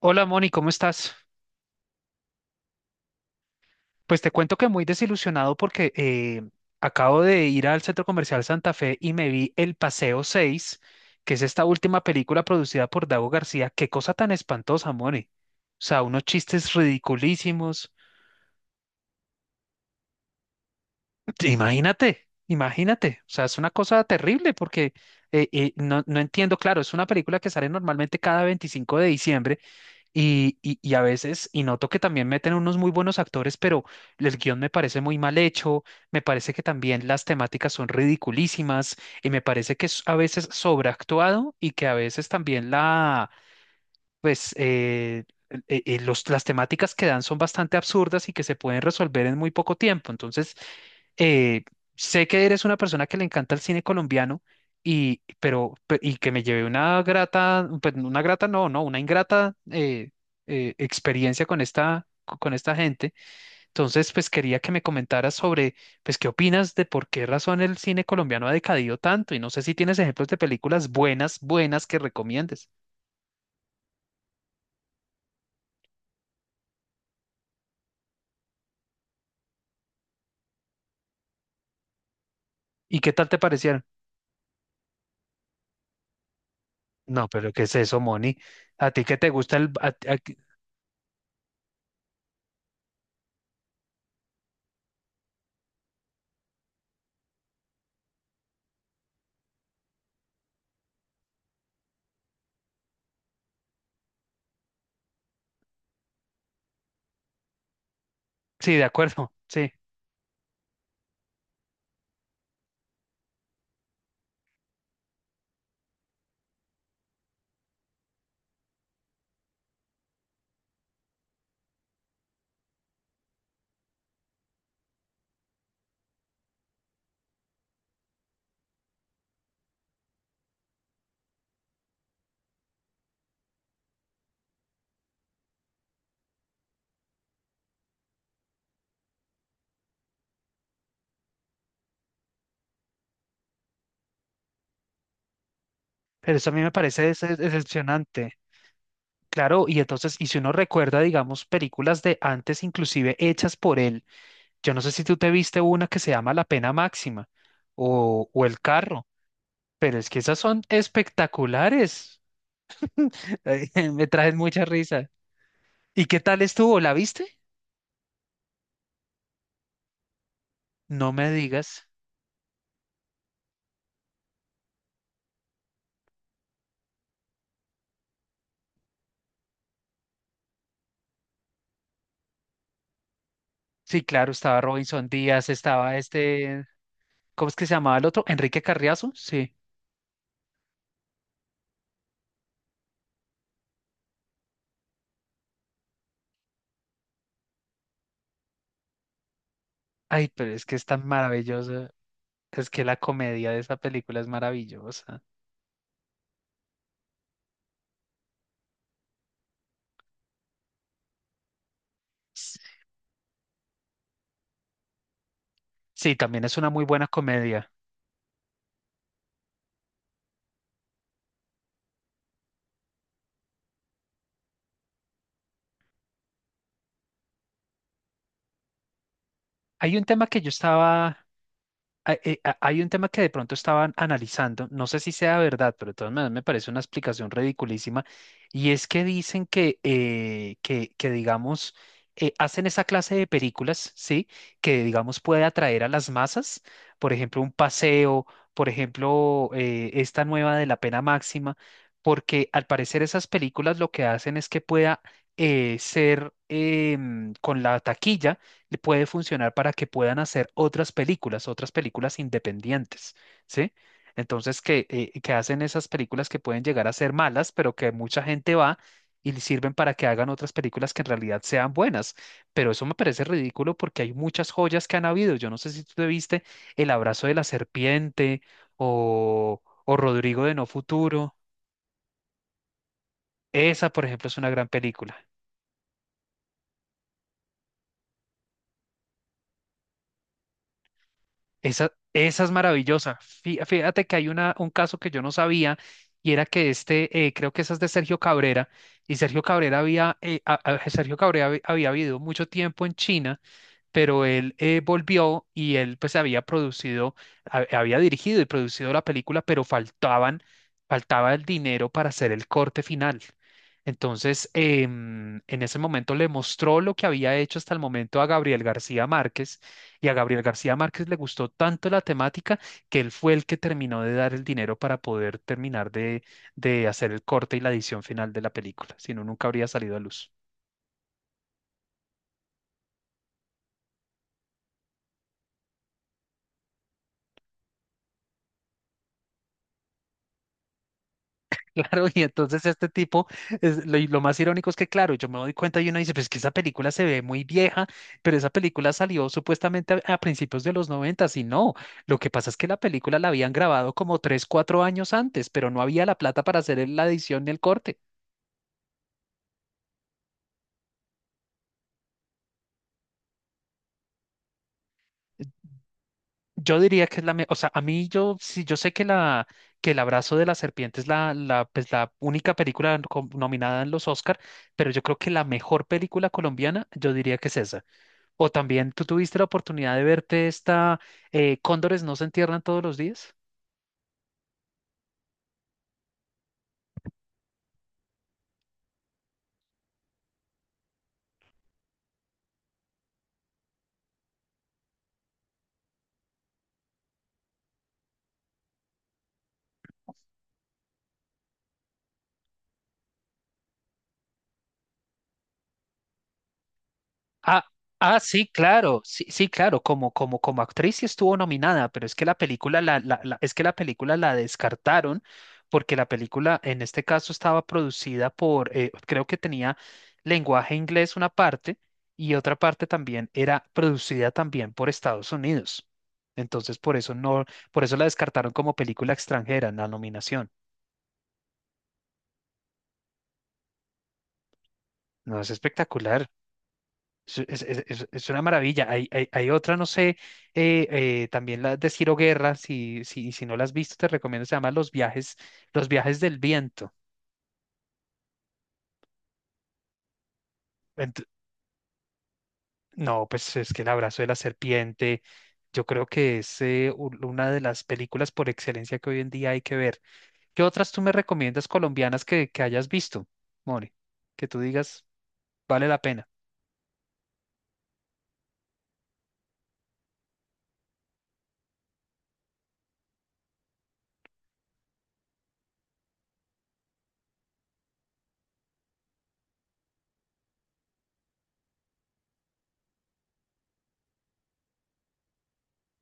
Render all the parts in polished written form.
Hola Moni, ¿cómo estás? Pues te cuento que muy desilusionado porque acabo de ir al Centro Comercial Santa Fe y me vi El Paseo seis, que es esta última película producida por Dago García. Qué cosa tan espantosa, Moni. O sea, unos chistes ridiculísimos. Imagínate, imagínate. O sea, es una cosa terrible porque no, no entiendo, claro, es una película que sale normalmente cada 25 de diciembre. Y a veces, y noto que también meten unos muy buenos actores, pero el guión me parece muy mal hecho. Me parece que también las temáticas son ridiculísimas y me parece que es a veces sobreactuado y que a veces también la, pues las temáticas que dan son bastante absurdas y que se pueden resolver en muy poco tiempo. Entonces, eh, sé que eres una persona que le encanta el cine colombiano y, pero, y que me llevé una grata, pues, una grata no, no, una ingrata, experiencia con esta gente. Entonces, pues quería que me comentaras sobre, pues, qué opinas de por qué razón el cine colombiano ha decadido tanto y no sé si tienes ejemplos de películas buenas, buenas que recomiendes. ¿Y qué tal te parecieron? No, pero ¿qué es eso, Moni? ¿A ti que te gusta el? Sí, de acuerdo, sí. Pero eso a mí me parece decepcionante. Claro, y entonces, y si uno recuerda, digamos, películas de antes, inclusive hechas por él, yo no sé si tú te viste una que se llama La Pena Máxima o El Carro, pero es que esas son espectaculares. Ay, me traen mucha risa. ¿Y qué tal estuvo? ¿La viste? No me digas. Sí, claro, estaba Robinson Díaz, estaba este, ¿cómo es que se llamaba el otro? Enrique Carriazo, sí. Ay, pero es que es tan maravillosa. Es que la comedia de esa película es maravillosa. Sí, también es una muy buena comedia. Hay un tema que yo estaba. Hay un tema que de pronto estaban analizando, no sé si sea verdad, pero de todas maneras me parece una explicación ridiculísima, y es que dicen que digamos, hacen esa clase de películas, ¿sí? Que, digamos, puede atraer a las masas, por ejemplo, un paseo, por ejemplo, esta nueva de la pena máxima, porque al parecer esas películas lo que hacen es que pueda ser, con la taquilla, le puede funcionar para que puedan hacer otras películas independientes, ¿sí? Entonces, que hacen esas películas que pueden llegar a ser malas, pero que mucha gente va y le sirven para que hagan otras películas que en realidad sean buenas. Pero eso me parece ridículo porque hay muchas joyas que han habido. Yo no sé si tú te viste El abrazo de la serpiente o Rodrigo de No Futuro. Esa, por ejemplo, es una gran película. Esa es maravillosa. Fíjate que hay una, un caso que yo no sabía, y era que este, creo que esa es de Sergio Cabrera, y Sergio Cabrera había, a- Sergio Cabrera había, había vivido mucho tiempo en China, pero él volvió y él pues había producido, había dirigido y producido la película, pero faltaban, faltaba el dinero para hacer el corte final. Entonces, en ese momento le mostró lo que había hecho hasta el momento a Gabriel García Márquez, y a Gabriel García Márquez le gustó tanto la temática, que él fue el que terminó de dar el dinero para poder terminar de hacer el corte y la edición final de la película, si no, nunca habría salido a luz. Claro, y entonces este tipo, y lo más irónico es que, claro, yo me doy cuenta y uno dice, pues que esa película se ve muy vieja, pero esa película salió supuestamente a, principios de los noventas y no, lo que pasa es que la película la habían grabado como 3, 4 años antes, pero no había la plata para hacer la edición ni el corte. Yo diría que es o sea, a mí yo, sí, yo sé que la, que el abrazo de la serpiente es la única película nominada en los Oscar, pero yo creo que la mejor película colombiana, yo diría que es esa. O también tú tuviste la oportunidad de verte esta, Cóndores no se entierran todos los días. Ah, ah, sí, claro, sí, sí, claro, como, como, como actriz sí estuvo nominada, pero es que la película es que la película la descartaron porque la película en este caso estaba producida por, creo que tenía lenguaje inglés una parte y otra parte también era producida también por Estados Unidos. Entonces por eso no, por eso la descartaron como película extranjera en la nominación. No, es espectacular. Es, es una maravilla. Hay, hay otra, no sé, también la de Ciro Guerra, si, si, si no la has visto, te recomiendo, se llama Los viajes del viento. Ent- no, pues es que El abrazo de la serpiente, yo creo que es una de las películas por excelencia que hoy en día hay que ver. ¿Qué otras tú me recomiendas colombianas que hayas visto, Mori? Que tú digas, vale la pena.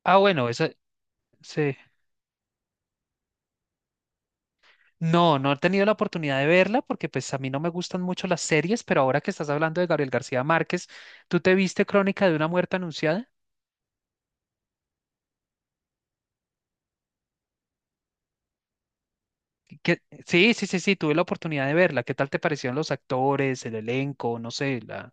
Ah, bueno, esa, sí. No, no he tenido la oportunidad de verla porque pues a mí no me gustan mucho las series, pero ahora que estás hablando de Gabriel García Márquez, ¿tú te viste Crónica de una muerte anunciada? ¿Qué- Sí, sí, sí, sí, tuve la oportunidad de verla. ¿Qué tal te parecieron los actores, el elenco, no sé, la?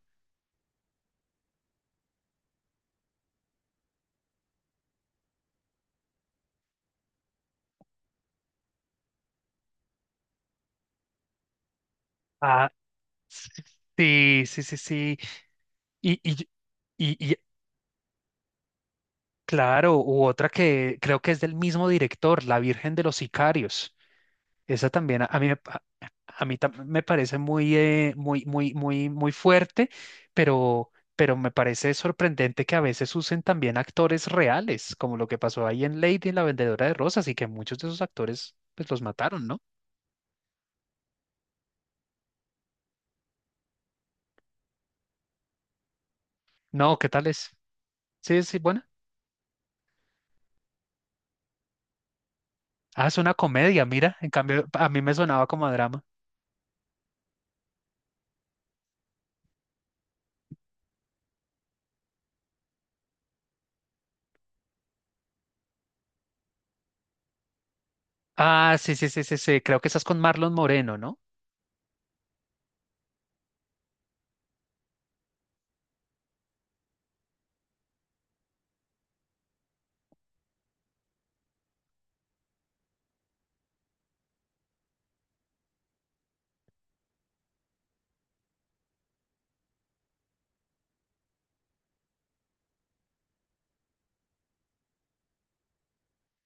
Ah, sí, sí, sí, sí. Y, y, y claro, u otra que creo que es del mismo director, La Virgen de los Sicarios. Esa también a mí, me pa- a mí tam- me parece muy, muy, muy, muy, muy fuerte, pero, pero me parece sorprendente que a veces usen también actores reales, como lo que pasó ahí en Lady, la vendedora de rosas, y que muchos de esos actores pues los mataron, ¿no? No, ¿qué tal es? Sí, sí, bueno. Ah, es una comedia, mira. En cambio, a mí me sonaba como a drama. Ah, sí, sí, sí, sí, sí. Creo que estás con Marlon Moreno, ¿no?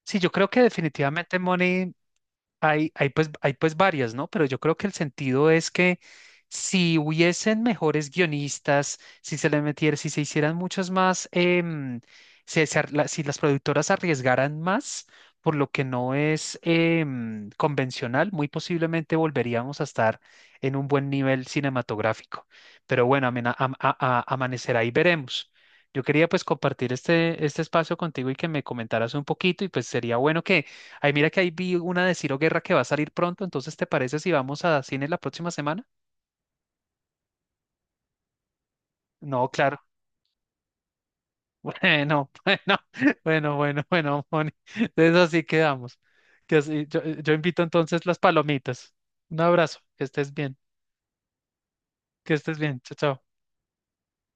Sí, yo creo que definitivamente, Money, hay pues varias, ¿no? Pero yo creo que el sentido es que si hubiesen mejores guionistas, si se le metiera, si se hicieran muchas más, si las productoras arriesgaran más, por lo que no es convencional, muy posiblemente volveríamos a estar en un buen nivel cinematográfico. Pero bueno, amanecerá y veremos. Yo quería pues compartir este, este espacio contigo y que me comentaras un poquito, y pues sería bueno. Ay, mira que ahí vi una de Ciro Guerra que va a salir pronto, entonces ¿te parece si vamos a cine la próxima semana? No, claro. Bueno, bueno, bueno, bueno, bueno, Moni. Entonces así quedamos. Yo invito entonces las palomitas. Un abrazo, que estés bien, chao, chao.